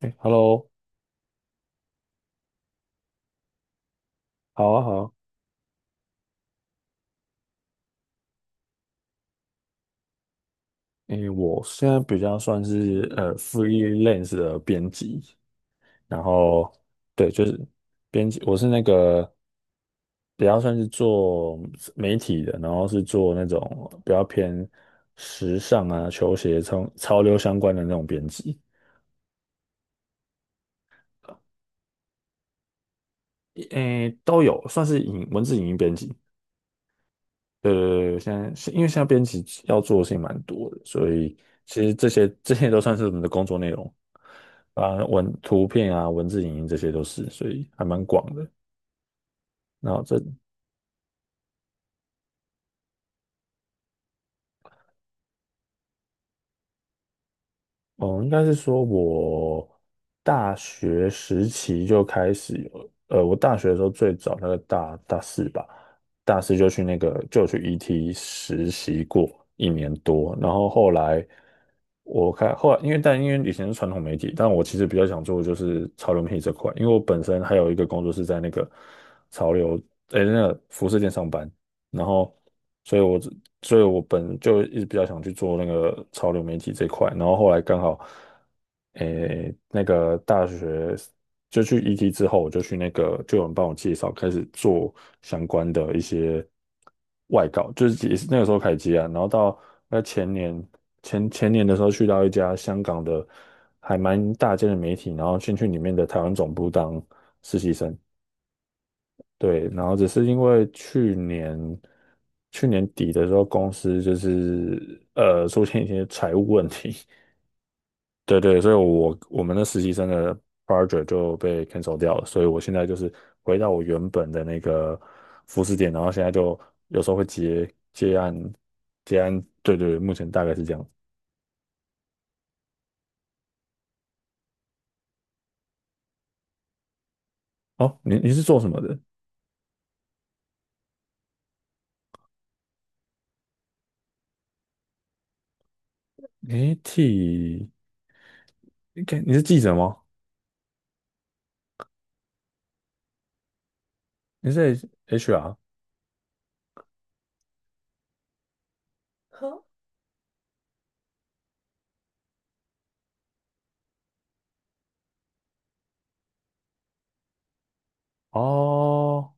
哎，Hello，好啊，好啊。哎，我现在比较算是freelance 的编辑，然后对，就是编辑，我是那个比较算是做媒体的，然后是做那种比较偏时尚啊、球鞋、潮流相关的那种编辑。诶，都有，算是影文字影音编辑。对对对，现在是因为现在编辑要做的事情蛮多的，所以其实这些都算是我们的工作内容啊，文图片啊、文字、影音这些都是，所以还蛮广的。然后这哦，应该是说我大学时期就开始有，我大学的时候最早那个大四吧，大四就去 ET 实习过一年多，然后后来。我看后来，因为以前是传统媒体，但我其实比较想做的就是潮流媒体这块，因为我本身还有一个工作是在那个潮流，诶，那个服饰店上班，然后，所以我只所以我本就一直比较想去做那个潮流媒体这块，然后后来刚好，诶，那个大学就去 ET 之后，我就去那个就有人帮我介绍，开始做相关的一些外稿，就是也是那个时候开始接啊，然后到那前年前前年的时候去到一家香港的还蛮大间的媒体，然后先去里面的台湾总部当实习生。对，然后只是因为去年底的时候，公司就是出现一些财务问题。对对，所以我们的实习生的 project 就被 cancel 掉了，所以我现在就是回到我原本的那个服饰店，然后现在就有时候会接案接案，对对，目前大概是这样。哦，你是做什么的？你替，你看你是记者吗？你是 HR 哦。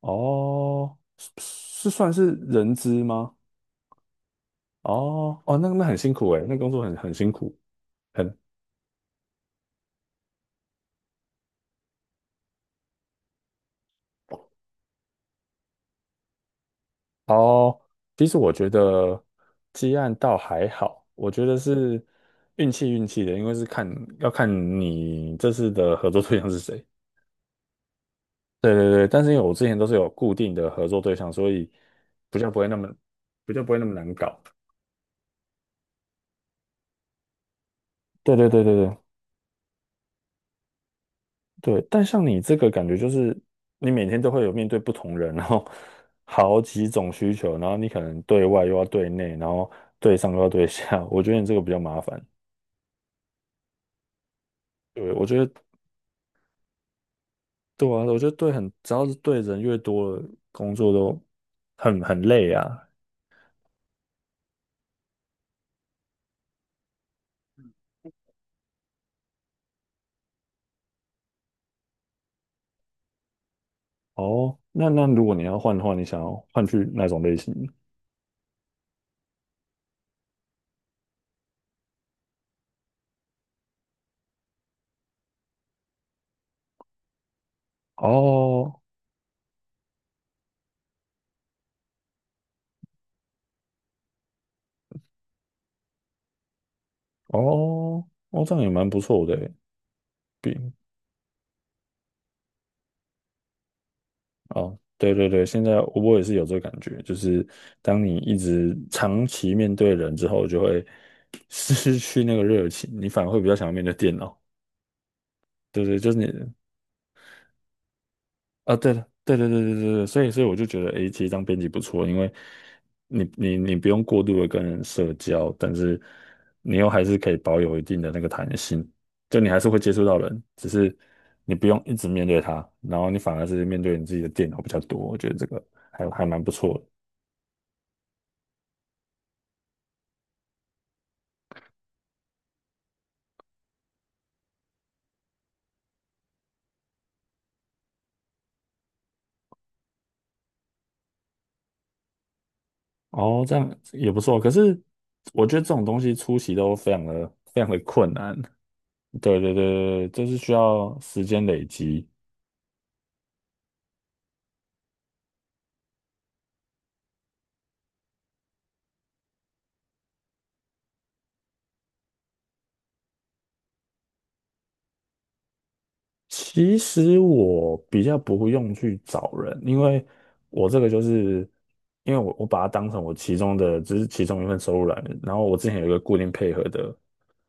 哦，是算是人资吗？哦哦，那很辛苦诶，那工作很辛苦，很哦。其实我觉得积案倒还好，我觉得是运气的，因为是要看你这次的合作对象是谁。对对对，但是因为我之前都是有固定的合作对象，所以比较不会那么比较不会那么难搞。对对对对对，对，但像你这个感觉就是，你每天都会有面对不同人，然后 好几种需求，然后你可能对外又要对内，然后对上又要对下，我觉得你这个比较麻烦。对，我觉得对啊，我觉得对很，只要是对人越多了，工作都很累啊。哦，那如果你要换的话，你想要换去哪种类型？哦哦哦，这样也蛮不错的欸，比哦，对对对，现在我也是有这个感觉，就是当你一直长期面对人之后，就会 失去那个热情，你反而会比较想要面对电脑。对对，就是你啊，对了，对对对对对对，所以我就觉得，诶，其实当编辑不错，因为你不用过度的跟人社交，但是你又还是可以保有一定的那个弹性，就你还是会接触到人，只是你不用一直面对他，然后你反而是面对你自己的电脑比较多，我觉得这个还蛮不错的。哦，这样也不错。可是我觉得这种东西出席都非常的非常的困难。对对对对，对，这是需要时间累积。其实我比较不会用去找人，因为我这个就是因为我把它当成我其中的只是其中一份收入来源。然后我之前有一个固定配合的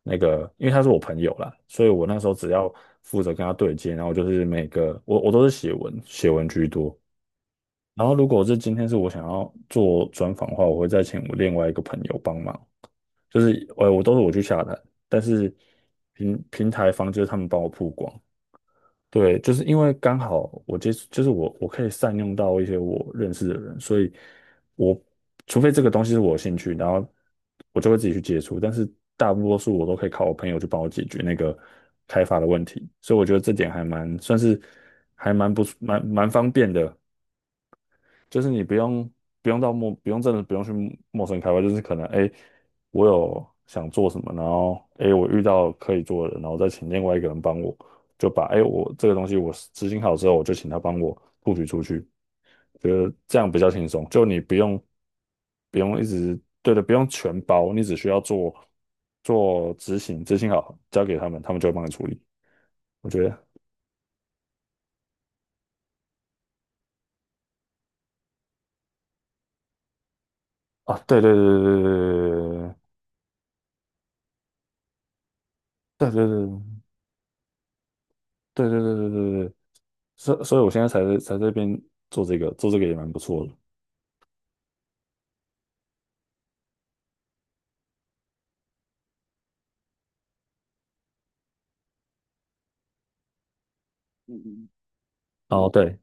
那个，因为他是我朋友啦，所以我那时候只要负责跟他对接，然后就是每个我都是写文居多。然后如果是今天是我想要做专访的话，我会再请我另外一个朋友帮忙，就是我都是我去下单，但是平台方就是他们帮我曝光。对，就是因为刚好我接触，就是我可以善用到一些我认识的人，所以我除非这个东西是我有兴趣，然后我就会自己去接触，但是大多数我都可以靠我朋友去帮我解决那个开发的问题，所以我觉得这点还蛮算是还蛮不蛮蛮方便的。就是你不用不用到陌不用真的不用去陌生开发，就是可能哎，我有想做什么，然后哎我遇到可以做的然后再请另外一个人帮我，就把哎我这个东西我执行好之后，我就请他帮我布局出去，觉得这样比较轻松，就你不用一直对的，不用全包，你只需要做执行，执行好交给他们，他们就会帮你处理。我觉得啊，对对对对对对对对对对对。对对对对对对，所以我现在才在这边做这个，做这个也蛮不错的。嗯嗯哦，对，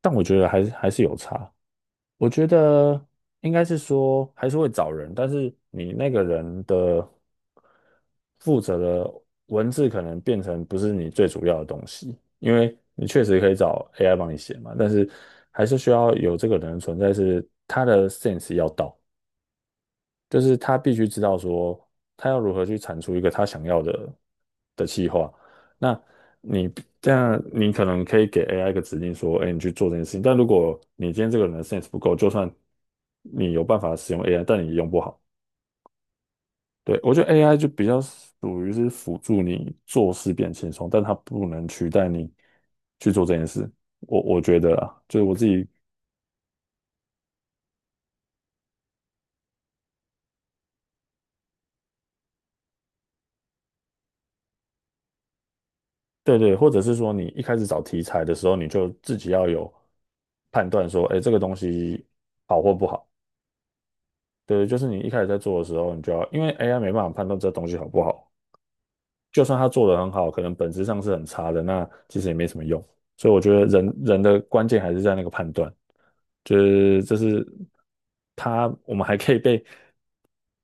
但我觉得还是有差。我觉得应该是说还是会找人，但是你那个人的负责的文字可能变成不是你最主要的东西，因为你确实可以找 AI 帮你写嘛，但是还是需要有这个人的存在，是，他的 sense 要到。就是他必须知道说他要如何去产出一个他想要的计划。那你这样，你可能可以给 AI 一个指令说，哎，你去做这件事情。但如果你今天这个人的 sense 不够，就算你有办法使用 AI，但你用不好。对，我觉得 AI 就比较属于是辅助你做事变轻松，但它不能取代你去做这件事。我觉得啊，就是我自己对对，或者是说你一开始找题材的时候，你就自己要有判断说，哎，这个东西好或不好。对，就是你一开始在做的时候，你就要，因为 AI 没办法判断这东西好不好，就算他做的很好，可能本质上是很差的，那其实也没什么用。所以我觉得人的关键还是在那个判断，就是这是我们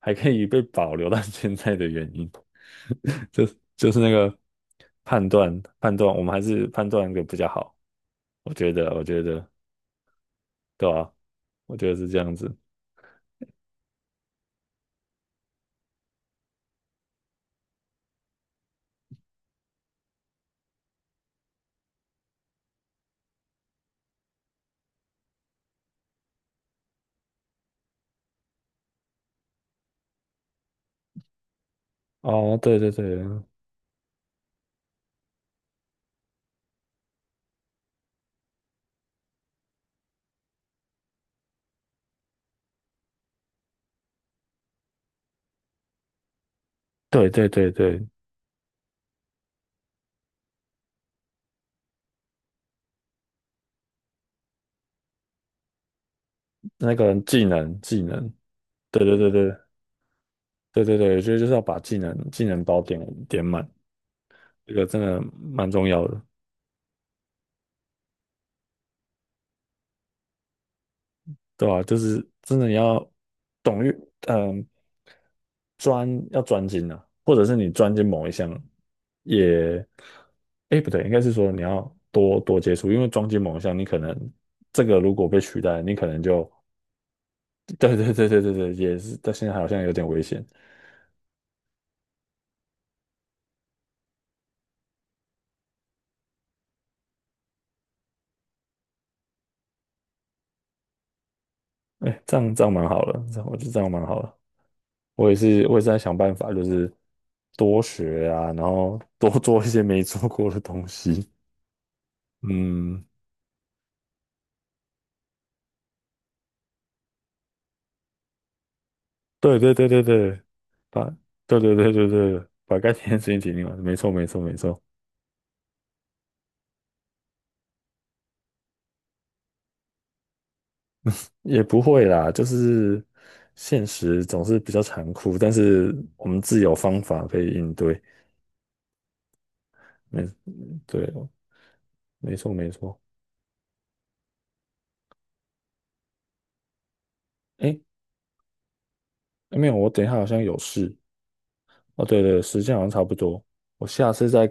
还可以被保留到 现在的原因，就就是那个判断，我们还是判断的比较好。我觉得，对啊，我觉得是这样子。哦，对对对，对对对对，那个技能，对对对对。对对对，我觉得就是要把技能包点满，这个真的蛮重要的，对吧、就是真的你要懂于嗯专精啊，或者是你专精某一项也，哎不对，应该是说你要多多接触，因为专精某一项，你可能这个如果被取代，你可能就对对对对对对，也是，但现在好像有点危险，哎，这样蛮好的，这样我觉得这样蛮好的。我也是在想办法，就是多学啊，然后 多做一些没做过的东西。嗯，对对对对对，把，对对对对对，把该停的事情停进完，没错没错没错，也不会啦，就是现实总是比较残酷，但是我们自有方法可以应对。没，对，没错没错。诶，没有，我等一下好像有事。哦，对对，时间好像差不多，我下次再，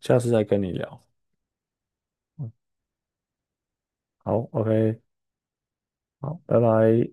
下次再跟你聊。好，OK，好，拜拜。